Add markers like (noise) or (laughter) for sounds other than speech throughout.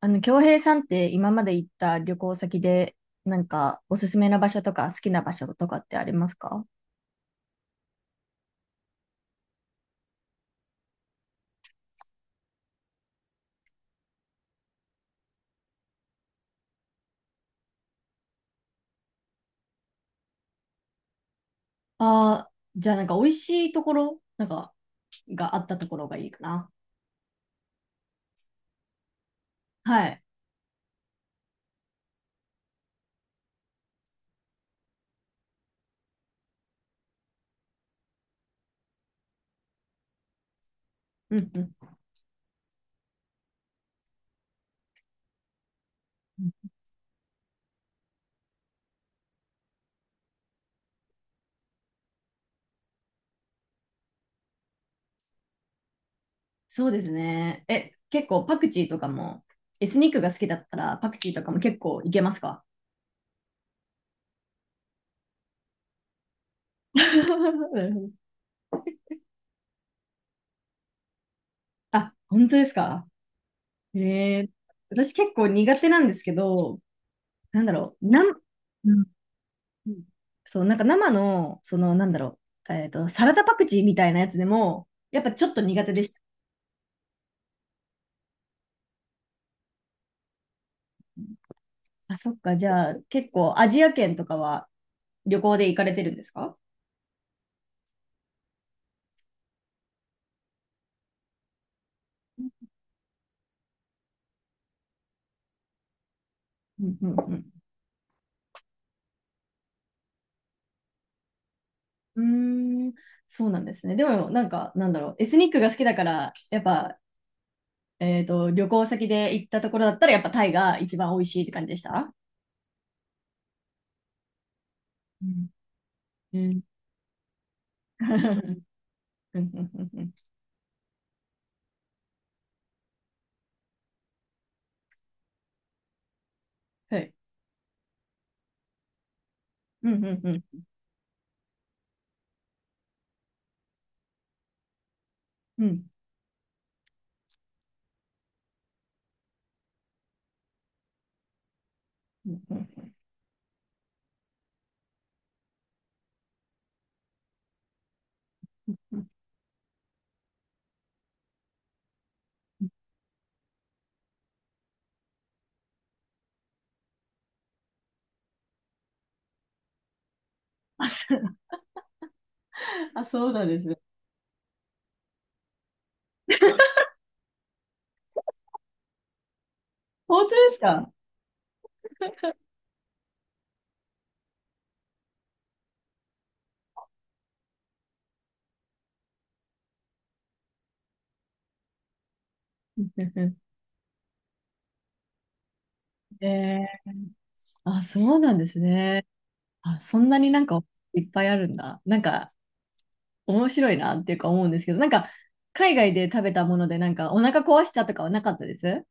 京平さんって今まで行った旅行先で、なんかおすすめな場所とか好きな場所とかってありますか？ああー、じゃあなんか美味しいところ、なんかがあったところがいいかな。はい。うんうん。うん。そうですね。え、結構パクチーとかも、エスニックが好きだったらパクチーとかも結構いけますか？ (laughs) なるほど。 (laughs) あ、本当ですか？えー、私結構苦手なんですけど、なんだろう、うんうん。そう、なんか生の、なんだろう、サラダパクチーみたいなやつでも、やっぱちょっと苦手でした。あ、そっか、じゃあ、結構アジア圏とかは旅行で行かれてるんですか？うんうんうん。うーん、そうなんですね。でも、なんか、なんだろう、エスニックが好きだから、やっぱ、旅行先で行ったところだったら、やっぱタイが一番美味しいって感じでした？うんうん。 (laughs) うんうんうんうん。 (laughs) はい。うんうんうんうんうんうんうん。あ、そうなんですね。本当ですか？うんうん。ええ、あ、そうなんですね。あ、そんなになんかいっぱいあるんだ。なんか面白いなっていうか思うんですけど、なんか海外で食べたものでなんかお腹壊したとかはなかったです。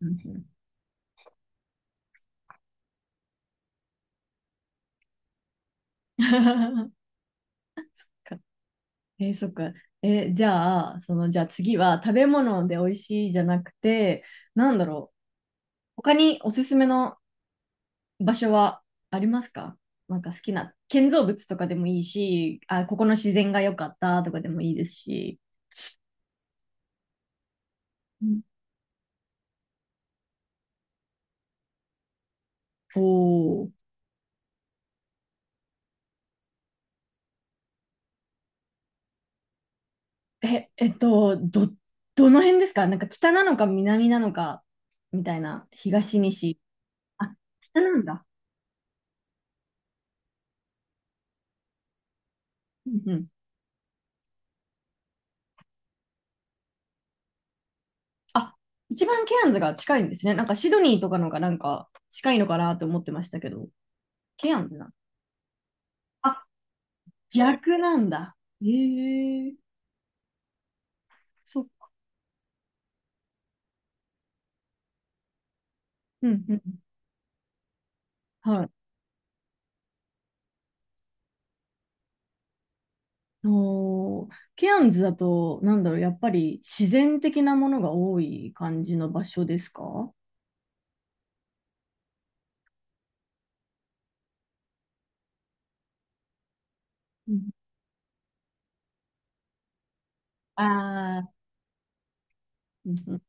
うんうん。 (laughs) えーそっか。じゃあ、次は食べ物で美味しいじゃなくて、なんだろう。他におすすめの場所はありますか？なんか好きな建造物とかでもいいし、あ、ここの自然が良かったとかでもいいですし。うん。おお。え、どの辺ですか？なんか北なのか南なのかみたいな、東西。あ、北なんだ。うんうん。あ、一番ケアンズが近いんですね。なんかシドニーとかのがなんか近いのかなと思ってましたけど、ケアンズな。あ、逆なんだ。ええ。そっか。うんうん。はい。おー、ケアンズだと、なんだろう、やっぱり自然的なものが多い感じの場所ですか？うん。ああ。うんうん。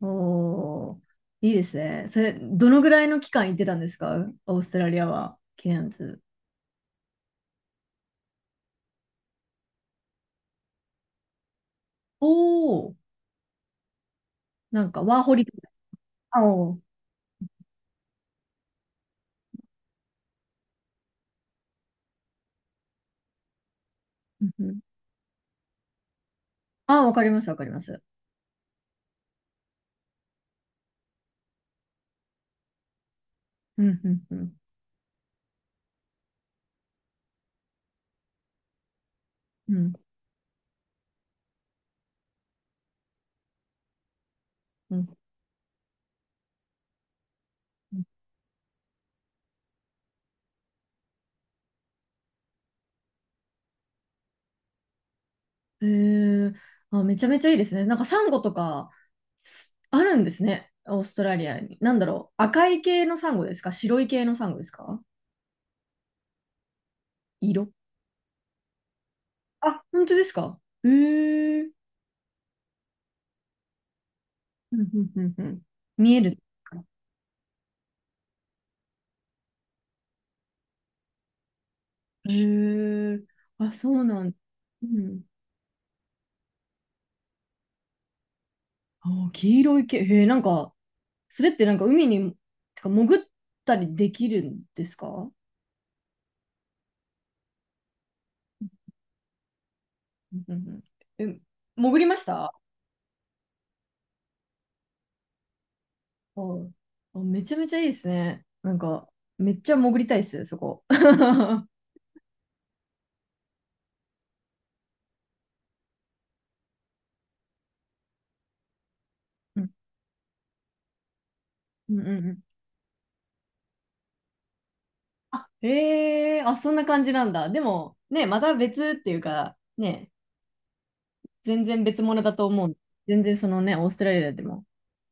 おー、いいですね。それ、どのぐらいの期間行ってたんですか？オーストラリアは、ケアンズ。おー、なんかワーホリとか。あおー、うんうん。あ、わかります、わかります。うん、うん、うん、うん、うん。うん。へー。あ、めちゃめちゃいいですね。なんかサンゴとか、あるんですね、オーストラリアに。なんだろう、赤い系のサンゴですか？白い系のサンゴですか？色。あ、本当ですか？へえ。うんうんうんうん。見える。へえ、あ、そうなん、うん。あ、黄色い毛、へえ、なんか、それってなんか海に、てか潜ったりできるんですか？うんうんうん。え、潜りました？はい。あ、めちゃめちゃいいですね。なんか、めっちゃ潜りたいです、そこ。(laughs) うんうんうんうん。あ、へえ、あ、そんな感じなんだ。でも、ね、また別っていうか、ね、全然別物だと思う。全然そのね、オーストラリアでも、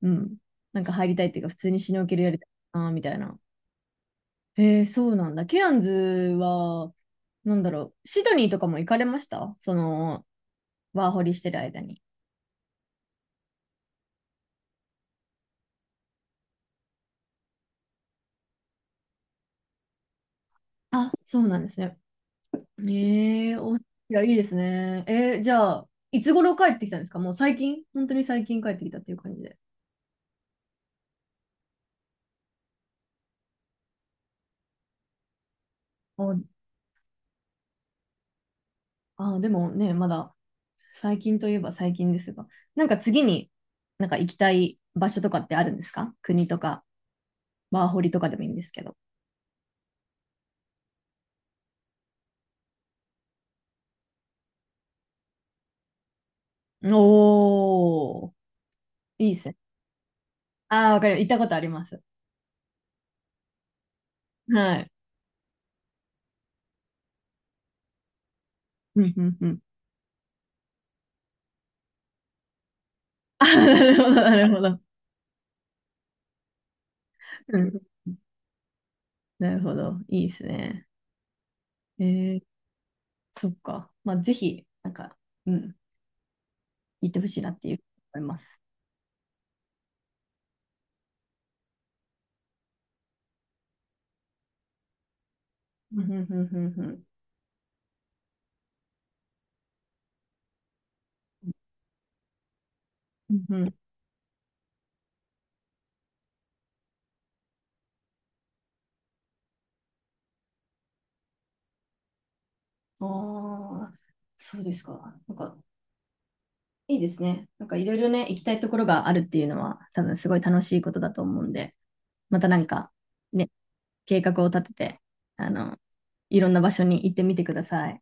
うん、なんか入りたいっていうか、普通にシュノーケルやりたいな、みたいな。へえー、そうなんだ。ケアンズは、なんだろう、シドニーとかも行かれました？ワーホリしてる間に。あ、そうなんですね。ええ、ース。いやいいですね。じゃあ、いつ頃帰ってきたんですか？もう最近、本当に最近帰ってきたっていう感じで。あ。ああ、でもね、まだ最近といえば最近ですが、なんか次になんか行きたい場所とかってあるんですか？国とか、ワーホリとかでもいいんですけど。おー、いいですね。ああ、わかる。行ったことあります。はい。うんうんうん。(laughs) あー、なるほど、なるほど。うん、なるほど。いいですね。えー、そっか。まあ、ぜひ、なんか、うん、行ってほしいなっていう思います。うんうんうんうんうん。うんうん。ああ、そうですか。なんか、いいですね。なんかいろいろね、行きたいところがあるっていうのは、多分すごい楽しいことだと思うんで、またなんかね、計画を立てて、あの、いろんな場所に行ってみてください。